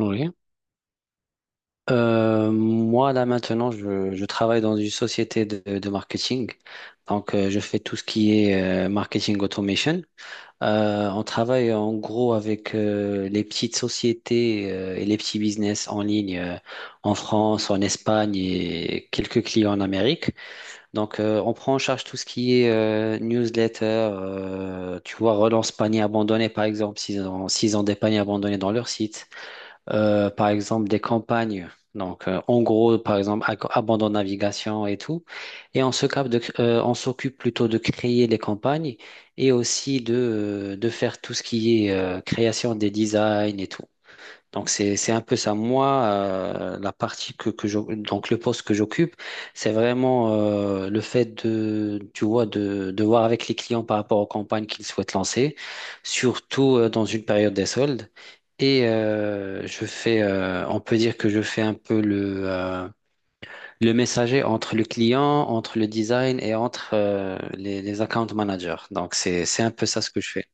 Oui. Moi, là, maintenant, je travaille dans une société de marketing. Donc, je fais tout ce qui est marketing automation. On travaille en gros avec les petites sociétés et les petits business en ligne en France, en Espagne et quelques clients en Amérique. Donc, on prend en charge tout ce qui est newsletter, tu vois, relance panier abandonné, par exemple, s'ils ont des paniers abandonnés dans leur site par exemple des campagnes. Donc, en gros, par exemple, abandon de navigation et tout. Et on s'occupe plutôt de créer les campagnes et aussi de faire tout ce qui est création des designs et tout. Donc c'est un peu ça. Moi, la partie donc le poste que j'occupe, c'est vraiment le fait de tu vois de voir avec les clients par rapport aux campagnes qu'ils souhaitent lancer, surtout dans une période des soldes. Et je fais, on peut dire que je fais un peu le messager entre le client, entre le design et entre les account managers. Donc c'est un peu ça ce que je fais.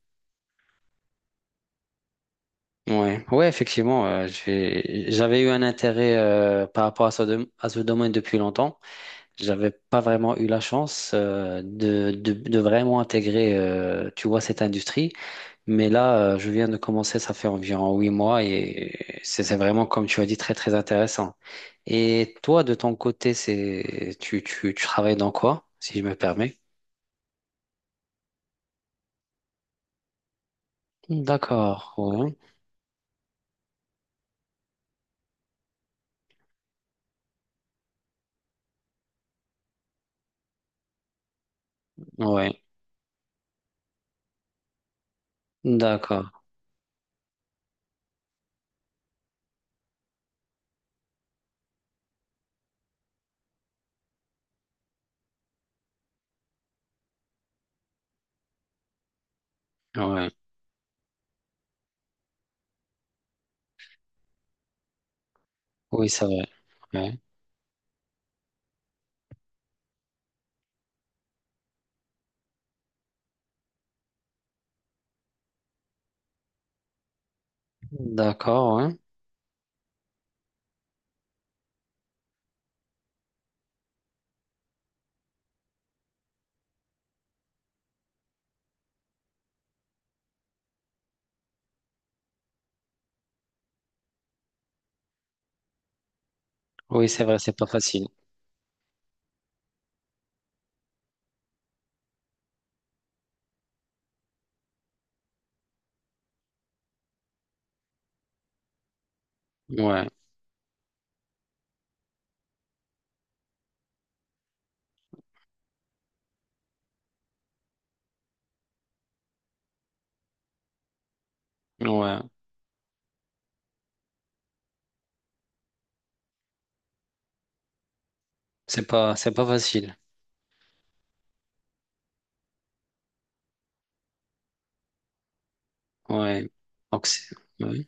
Ouais, ouais, effectivement, j'avais eu un intérêt par rapport à à ce domaine depuis longtemps. J'avais pas vraiment eu la chance de vraiment intégrer, tu vois, cette industrie. Mais là, je viens de commencer, ça fait environ 8 mois et c'est vraiment, comme tu as dit, très, très intéressant. Et toi, de ton côté, c'est tu travailles dans quoi, si je me permets? D'accord, ouais, ouais, d'accord, ouais, oui, c'est vrai, ouais, d'accord, ouais. Oui, c'est vrai, c'est pas facile. Ouais, ouais, c'est pas facile. Ouais. Donc, ouais.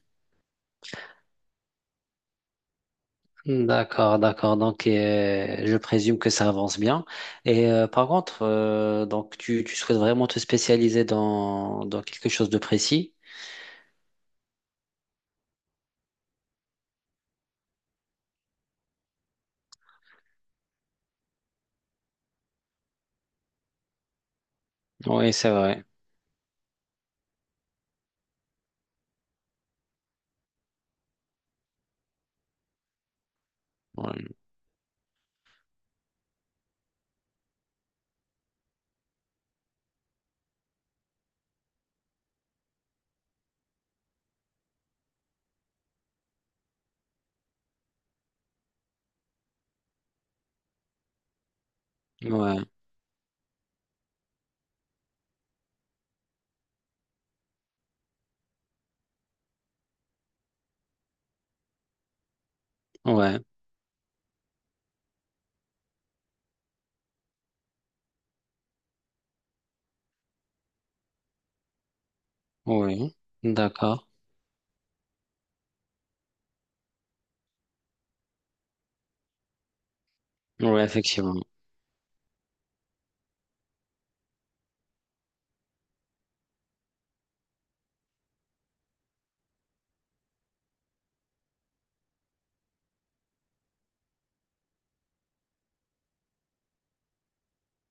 D'accord, d'accord. Donc, je présume que ça avance bien. Et par contre, donc, tu souhaites vraiment te spécialiser dans quelque chose de précis? Oui, c'est vrai. Ouais, ouais, ouais, oui. D'accord. Oui, effectivement.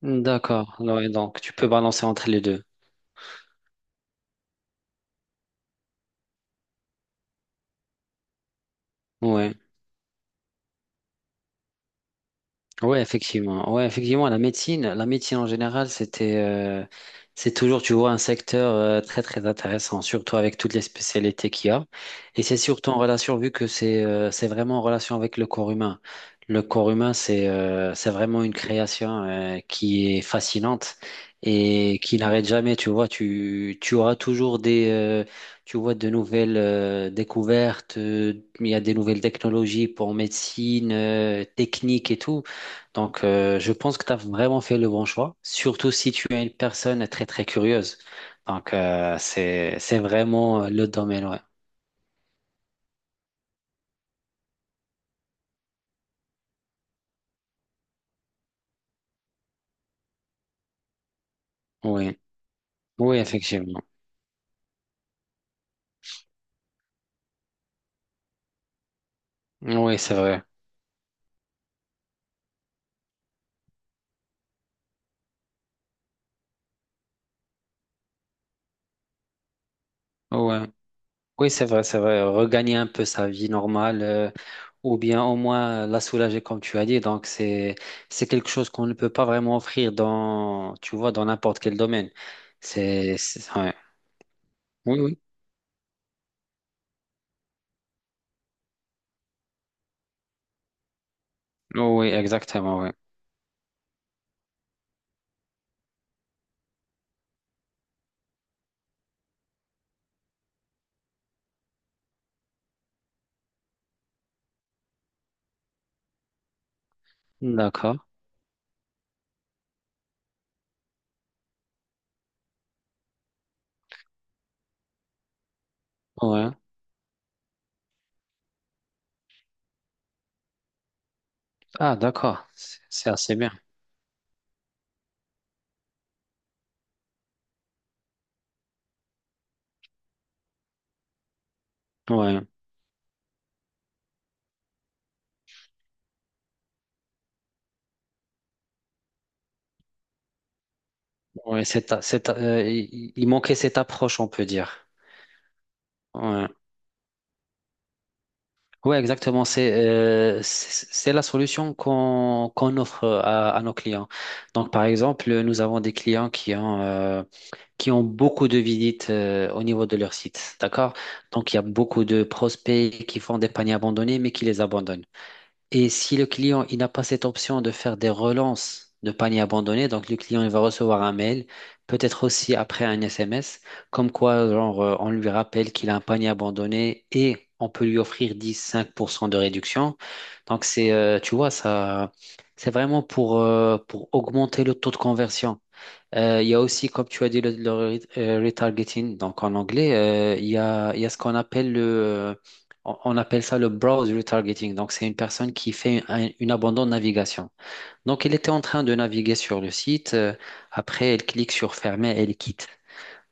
D'accord. Ouais, donc, tu peux balancer entre les deux. Ouais. Ouais, effectivement. Ouais, effectivement, la médecine en général, c'est toujours, tu vois, un secteur très très intéressant, surtout avec toutes les spécialités qu'il y a. Et c'est surtout en relation, vu que c'est vraiment en relation avec le corps humain. Le corps humain, c'est vraiment une création qui est fascinante et qui n'arrête jamais. Tu vois, tu auras toujours tu vois, de nouvelles découvertes. Il y a des nouvelles technologies pour médecine, technique et tout. Donc, je pense que tu as vraiment fait le bon choix, surtout si tu es une personne très, très curieuse. Donc, c'est vraiment le domaine, ouais. Oui, oui, effectivement. Oui, c'est vrai. Ouais. Oui, c'est vrai, c'est vrai. Regagner un peu sa vie normale, ou bien au moins la soulager, comme tu as dit. Donc, c'est quelque chose qu'on ne peut pas vraiment offrir tu vois, dans n'importe quel domaine. Ouais. Oui, oui. Oui, exactement, oui. D'accord. Ouais. Ah, d'accord. C'est assez bien. Ouais. Ouais, il manquait cette approche, on peut dire. Ouais. Ouais, exactement. C'est la solution qu'on offre à nos clients. Donc, par exemple, nous avons des clients qui ont beaucoup de visites au niveau de leur site. D'accord? Donc, il y a beaucoup de prospects qui font des paniers abandonnés, mais qui les abandonnent. Et si le client il n'a pas cette option de faire des relances de panier abandonné, donc le client il va recevoir un mail, peut-être aussi après un SMS, comme quoi genre, on lui rappelle qu'il a un panier abandonné et on peut lui offrir 10-5% de réduction. Donc c'est tu vois ça c'est vraiment pour augmenter le taux de conversion. Il y a aussi, comme tu as dit, le retargeting. Donc en anglais, il y a ce qu'on appelle le, on appelle ça le browse retargeting. Donc c'est une personne qui fait une abandon de navigation. Donc elle était en train de naviguer sur le site. Après, elle clique sur fermer, elle quitte.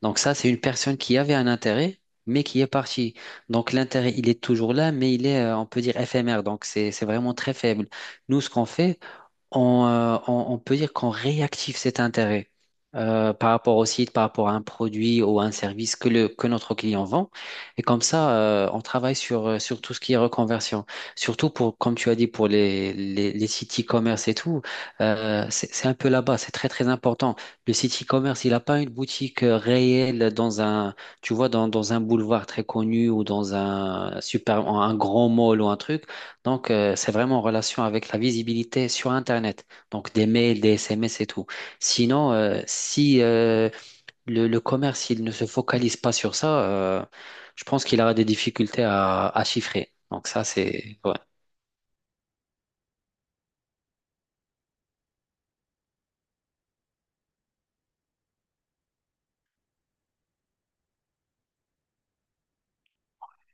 Donc ça, c'est une personne qui avait un intérêt, mais qui est partie. Donc l'intérêt, il est toujours là, mais il est, on peut dire, éphémère. Donc c'est vraiment très faible. Nous, ce qu'on fait on peut dire qu'on réactive cet intérêt par rapport au site, par rapport à un produit ou à un service que notre client vend. Et comme ça, on travaille sur tout ce qui est reconversion. Surtout pour, comme tu as dit, pour les sites e-commerce et tout, c'est un peu là-bas, c'est très très important. Le site e-commerce, il n'a pas une boutique réelle tu vois, dans un boulevard très connu ou dans un super, un grand mall ou un truc. Donc, c'est vraiment en relation avec la visibilité sur Internet. Donc, des mails, des SMS et tout. Sinon, si le commerce, il ne se focalise pas sur ça, je pense qu'il aura des difficultés à chiffrer. Donc, ça. Ouais.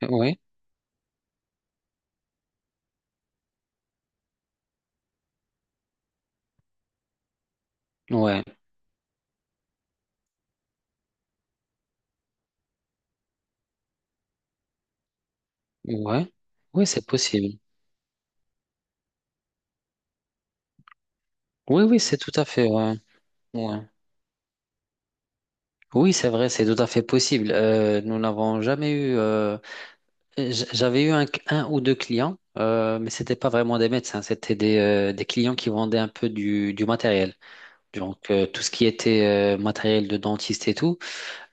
Oui, ouais, ouais. Oui, c'est possible. Oui, oui, c'est tout à fait. Ouais, ouais. Oui, c'est vrai, c'est tout à fait possible. Nous n'avons jamais eu. J'avais eu un ou deux clients, mais c'était pas vraiment des médecins, c'était des clients qui vendaient un peu du matériel. Donc, tout ce qui était matériel de dentiste et tout.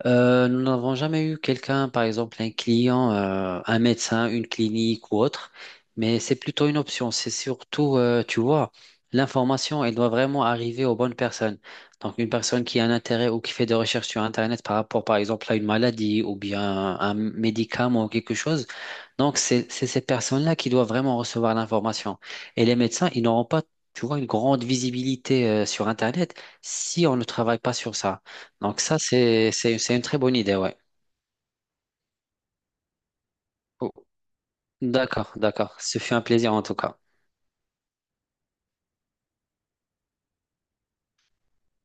Nous n'avons jamais eu quelqu'un, par exemple un client, un médecin, une clinique ou autre, mais c'est plutôt une option. C'est surtout, tu vois, l'information, elle doit vraiment arriver aux bonnes personnes. Donc une personne qui a un intérêt ou qui fait des recherches sur Internet par rapport, par exemple, à une maladie ou bien un médicament ou quelque chose. Donc c'est ces personnes-là qui doivent vraiment recevoir l'information. Et les médecins, ils n'auront pas, tu vois, une grande visibilité, sur Internet si on ne travaille pas sur ça. Donc ça, c'est une très bonne idée, ouais. Oh, d'accord, d'accord. Ce fut un plaisir en tout cas.